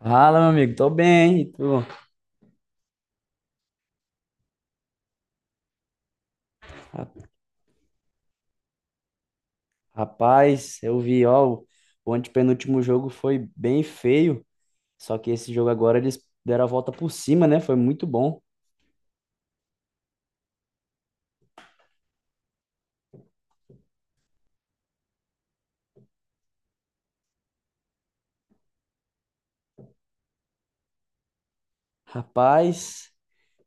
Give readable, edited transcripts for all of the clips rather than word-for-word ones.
Fala, meu amigo, tô bem, e tu? Ra- Rapaz, eu vi, ó, o antepenúltimo jogo foi bem feio, só que esse jogo agora eles deram a volta por cima, né? Foi muito bom. Rapaz,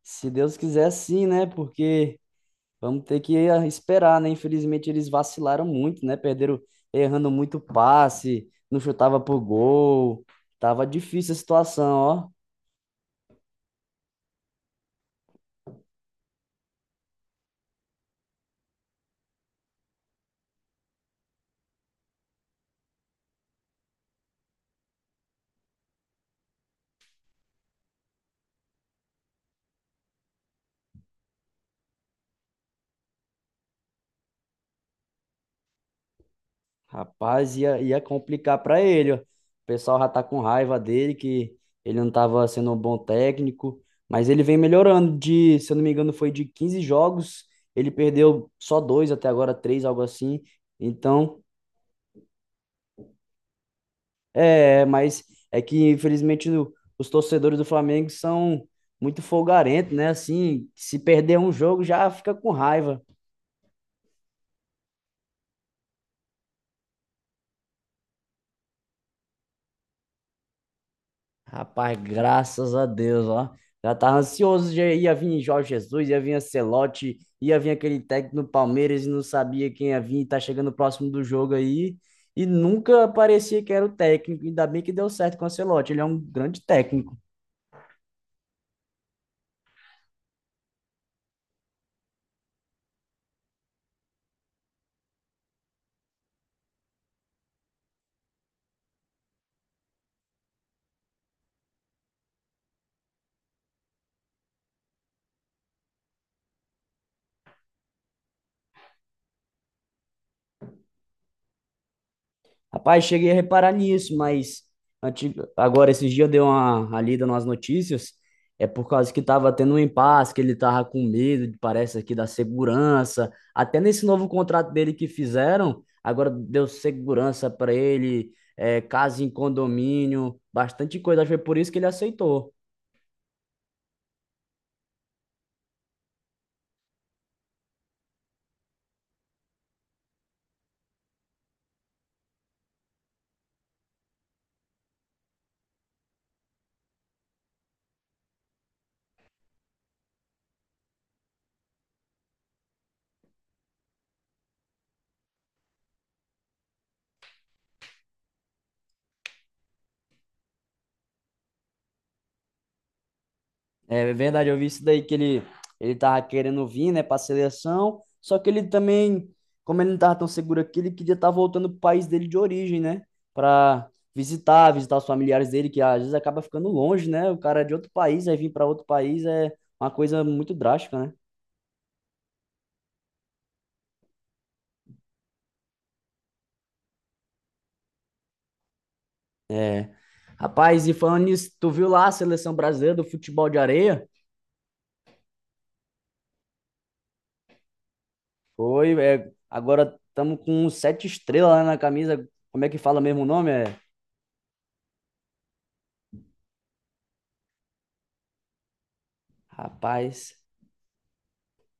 se Deus quiser sim, né? Porque vamos ter que esperar, né? Infelizmente eles vacilaram muito, né? Perderam errando muito passe, não chutava pro gol. Tava difícil a situação, ó. Rapaz, ia complicar para ele. Ó. O pessoal já tá com raiva dele, que ele não tava sendo um bom técnico, mas ele vem melhorando de, se eu não me engano, foi de 15 jogos, ele perdeu só dois até agora, três, algo assim. Então, é, mas é que infelizmente os torcedores do Flamengo são muito folgarentos, né? Assim, se perder um jogo já fica com raiva. Rapaz, graças a Deus, ó. Já tava ansioso, já ia vir Jorge Jesus, ia vir Ancelotti, ia vir aquele técnico no Palmeiras e não sabia quem ia vir, tá chegando próximo do jogo aí, e nunca parecia que era o técnico, ainda bem que deu certo com o Ancelotti, ele é um grande técnico. Rapaz, cheguei a reparar nisso, mas agora esses dias eu dei uma lida nas notícias, é por causa que tava tendo um impasse, que ele tava com medo, parece aqui, da segurança. Até nesse novo contrato dele que fizeram, agora deu segurança para ele, é, casa em condomínio, bastante coisa. Acho que foi por isso que ele aceitou. É verdade, eu vi isso daí que ele tava querendo vir, né, pra seleção, só que ele também, como ele não tava tão seguro aqui, ele queria estar voltando pro país dele de origem, né, pra visitar, visitar os familiares dele, que às vezes acaba ficando longe, né, o cara é de outro país, aí vir para outro país é uma coisa muito drástica, né. Rapaz, e falando nisso, tu viu lá a seleção brasileira do futebol de areia? Foi, é, agora estamos com sete estrelas lá na camisa, como é que fala mesmo o nome? É, rapaz...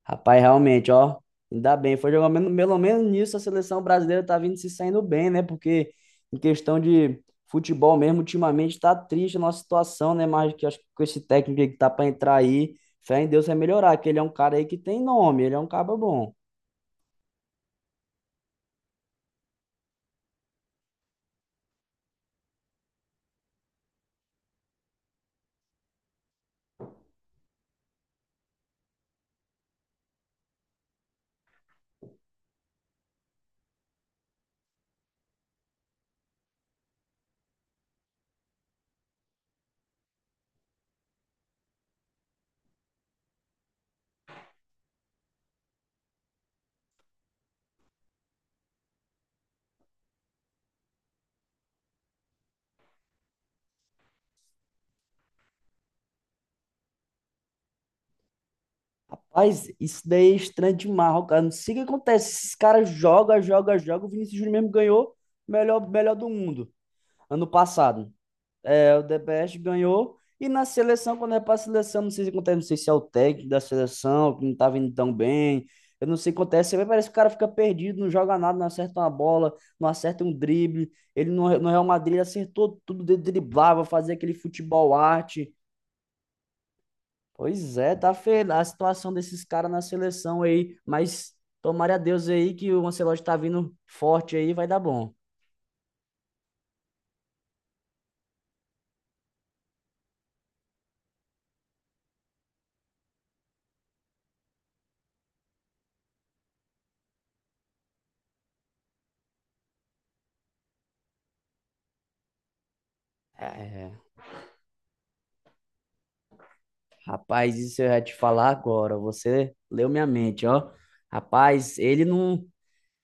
Rapaz, realmente, ó, ainda bem, foi jogar pelo menos nisso a seleção brasileira tá vindo se saindo bem, né? Porque em questão de futebol mesmo, ultimamente tá triste a nossa situação, né? Mas que acho que com esse técnico aí que tá pra entrar aí, fé em Deus vai melhorar, que ele é um cara aí que tem nome, ele é um cara bom. Mas isso daí é estranho demais, ó, cara. Não sei o que acontece. Esses caras jogam, jogam, jogam. O Vinícius Júnior mesmo ganhou o melhor, melhor do mundo ano passado. É, o DPS ganhou. E na seleção, quando é para a seleção, não sei se acontece, não sei se é o técnico da seleção, que não tá vindo tão bem. Eu não sei o que acontece. Mas parece que o cara fica perdido, não joga nada, não acerta uma bola, não acerta um drible. Ele no Real Madrid acertou tudo, ele driblava, fazia aquele futebol arte. Pois é, tá feia a situação desses caras na seleção aí. Mas tomara a Deus aí que o Ancelotti tá vindo forte aí, vai dar bom. É, rapaz, isso eu ia te falar agora. Você leu minha mente, ó. Rapaz, ele não.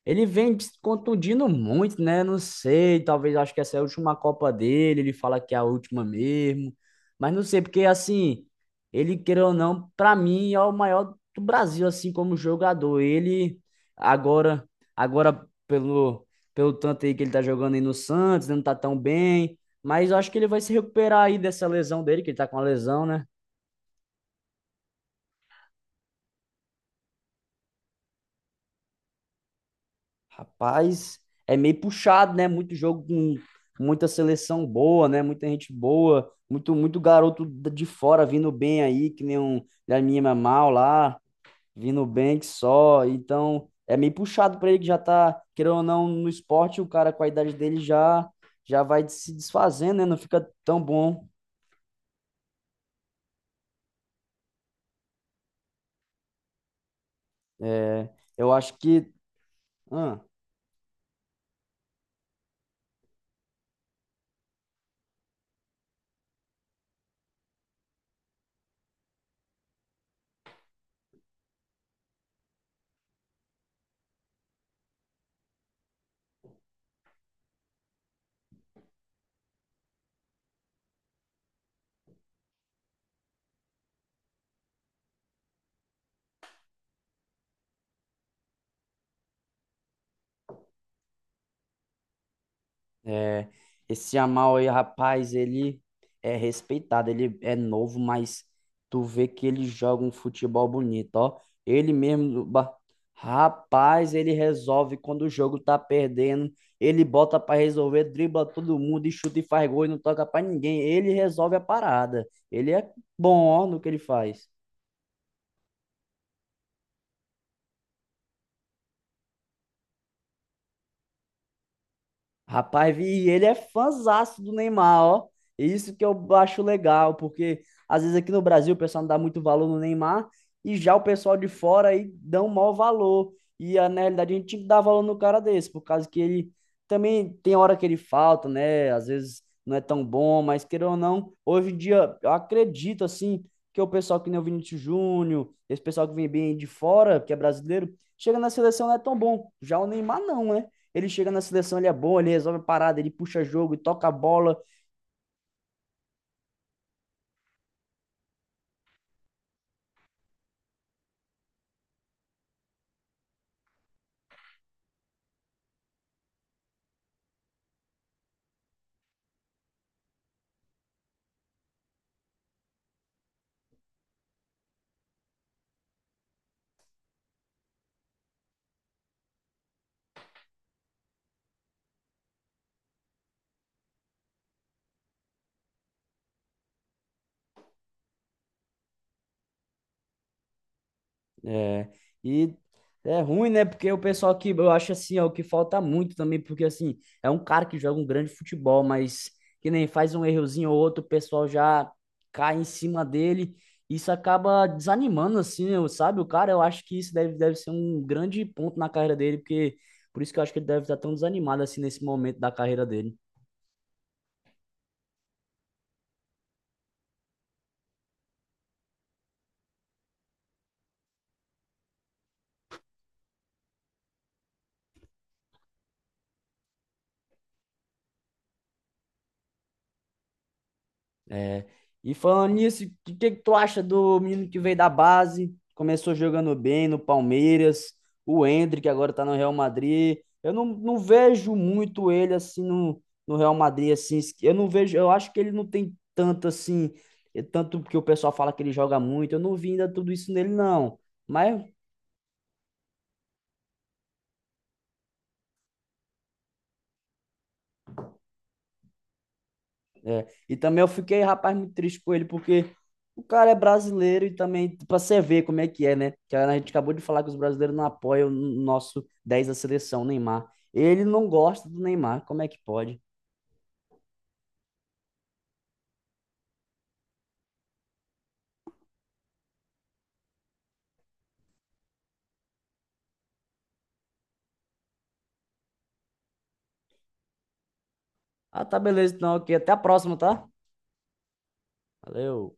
Ele vem se contundindo muito, né? Não sei, talvez acho que essa é a última Copa dele. Ele fala que é a última mesmo. Mas não sei, porque assim, ele, queira ou não, pra mim é o maior do Brasil, assim, como jogador. Ele agora, agora pelo tanto aí que ele tá jogando aí no Santos, né, não tá tão bem. Mas eu acho que ele vai se recuperar aí dessa lesão dele, que ele tá com a lesão, né? Rapaz, é meio puxado, né? Muito jogo com muita seleção boa, né? Muita gente boa, muito muito garoto de fora vindo bem aí, que nem um da minha mal lá, vindo bem que só. Então, é meio puxado para ele que já tá, querendo ou não, no esporte, o cara com a idade dele já já vai se desfazendo, né? Não fica tão bom. É, eu acho que ah, é, esse Yamal aí, rapaz, ele é respeitado, ele é novo, mas tu vê que ele joga um futebol bonito, ó. Ele mesmo, rapaz, ele resolve quando o jogo tá perdendo, ele bota pra resolver, dribla todo mundo e chuta e faz gol e não toca pra ninguém. Ele resolve a parada. Ele é bom, ó, no que ele faz. Rapaz, vi, e ele é fãzaço do Neymar, ó. E isso que eu acho legal, porque às vezes aqui no Brasil o pessoal não dá muito valor no Neymar e já o pessoal de fora aí dão maior valor. E na realidade a gente tinha que dar valor no cara desse, por causa que ele também tem hora que ele falta, né? Às vezes não é tão bom, mas queira ou não, hoje em dia eu acredito assim que o pessoal que nem o Vinícius Júnior, esse pessoal que vem bem de fora, que é brasileiro, chega na seleção não é tão bom. Já o Neymar não, né? Ele chega na seleção, ele é bom, ele resolve a parada, ele puxa jogo, e toca a bola. É, e é ruim, né? Porque o pessoal que eu acho assim, é o que falta muito também, porque assim, é um cara que joga um grande futebol, mas que nem faz um errozinho ou outro, o pessoal já cai em cima dele. Isso acaba desanimando, assim, eu- sabe? O cara, eu acho que isso deve ser um grande ponto na carreira dele, porque por isso que eu acho que ele deve estar tão desanimado, assim, nesse momento da carreira dele. É. E falando nisso, o que, que tu acha do menino que veio da base, começou jogando bem no Palmeiras, o Endrick que agora tá no Real Madrid. Eu não vejo muito ele assim no Real Madrid assim, eu não vejo, eu acho que ele não tem tanto assim, tanto porque o pessoal fala que ele joga muito, eu não vi ainda tudo isso nele não. Mas é. E também eu fiquei, rapaz, muito triste com ele, porque o cara é brasileiro e também, pra você ver como é que é, né? Que a gente acabou de falar que os brasileiros não apoiam o nosso 10 da seleção, Neymar. Ele não gosta do Neymar, como é que pode? Ah, tá, beleza, então, ok. Até a próxima, tá? Valeu.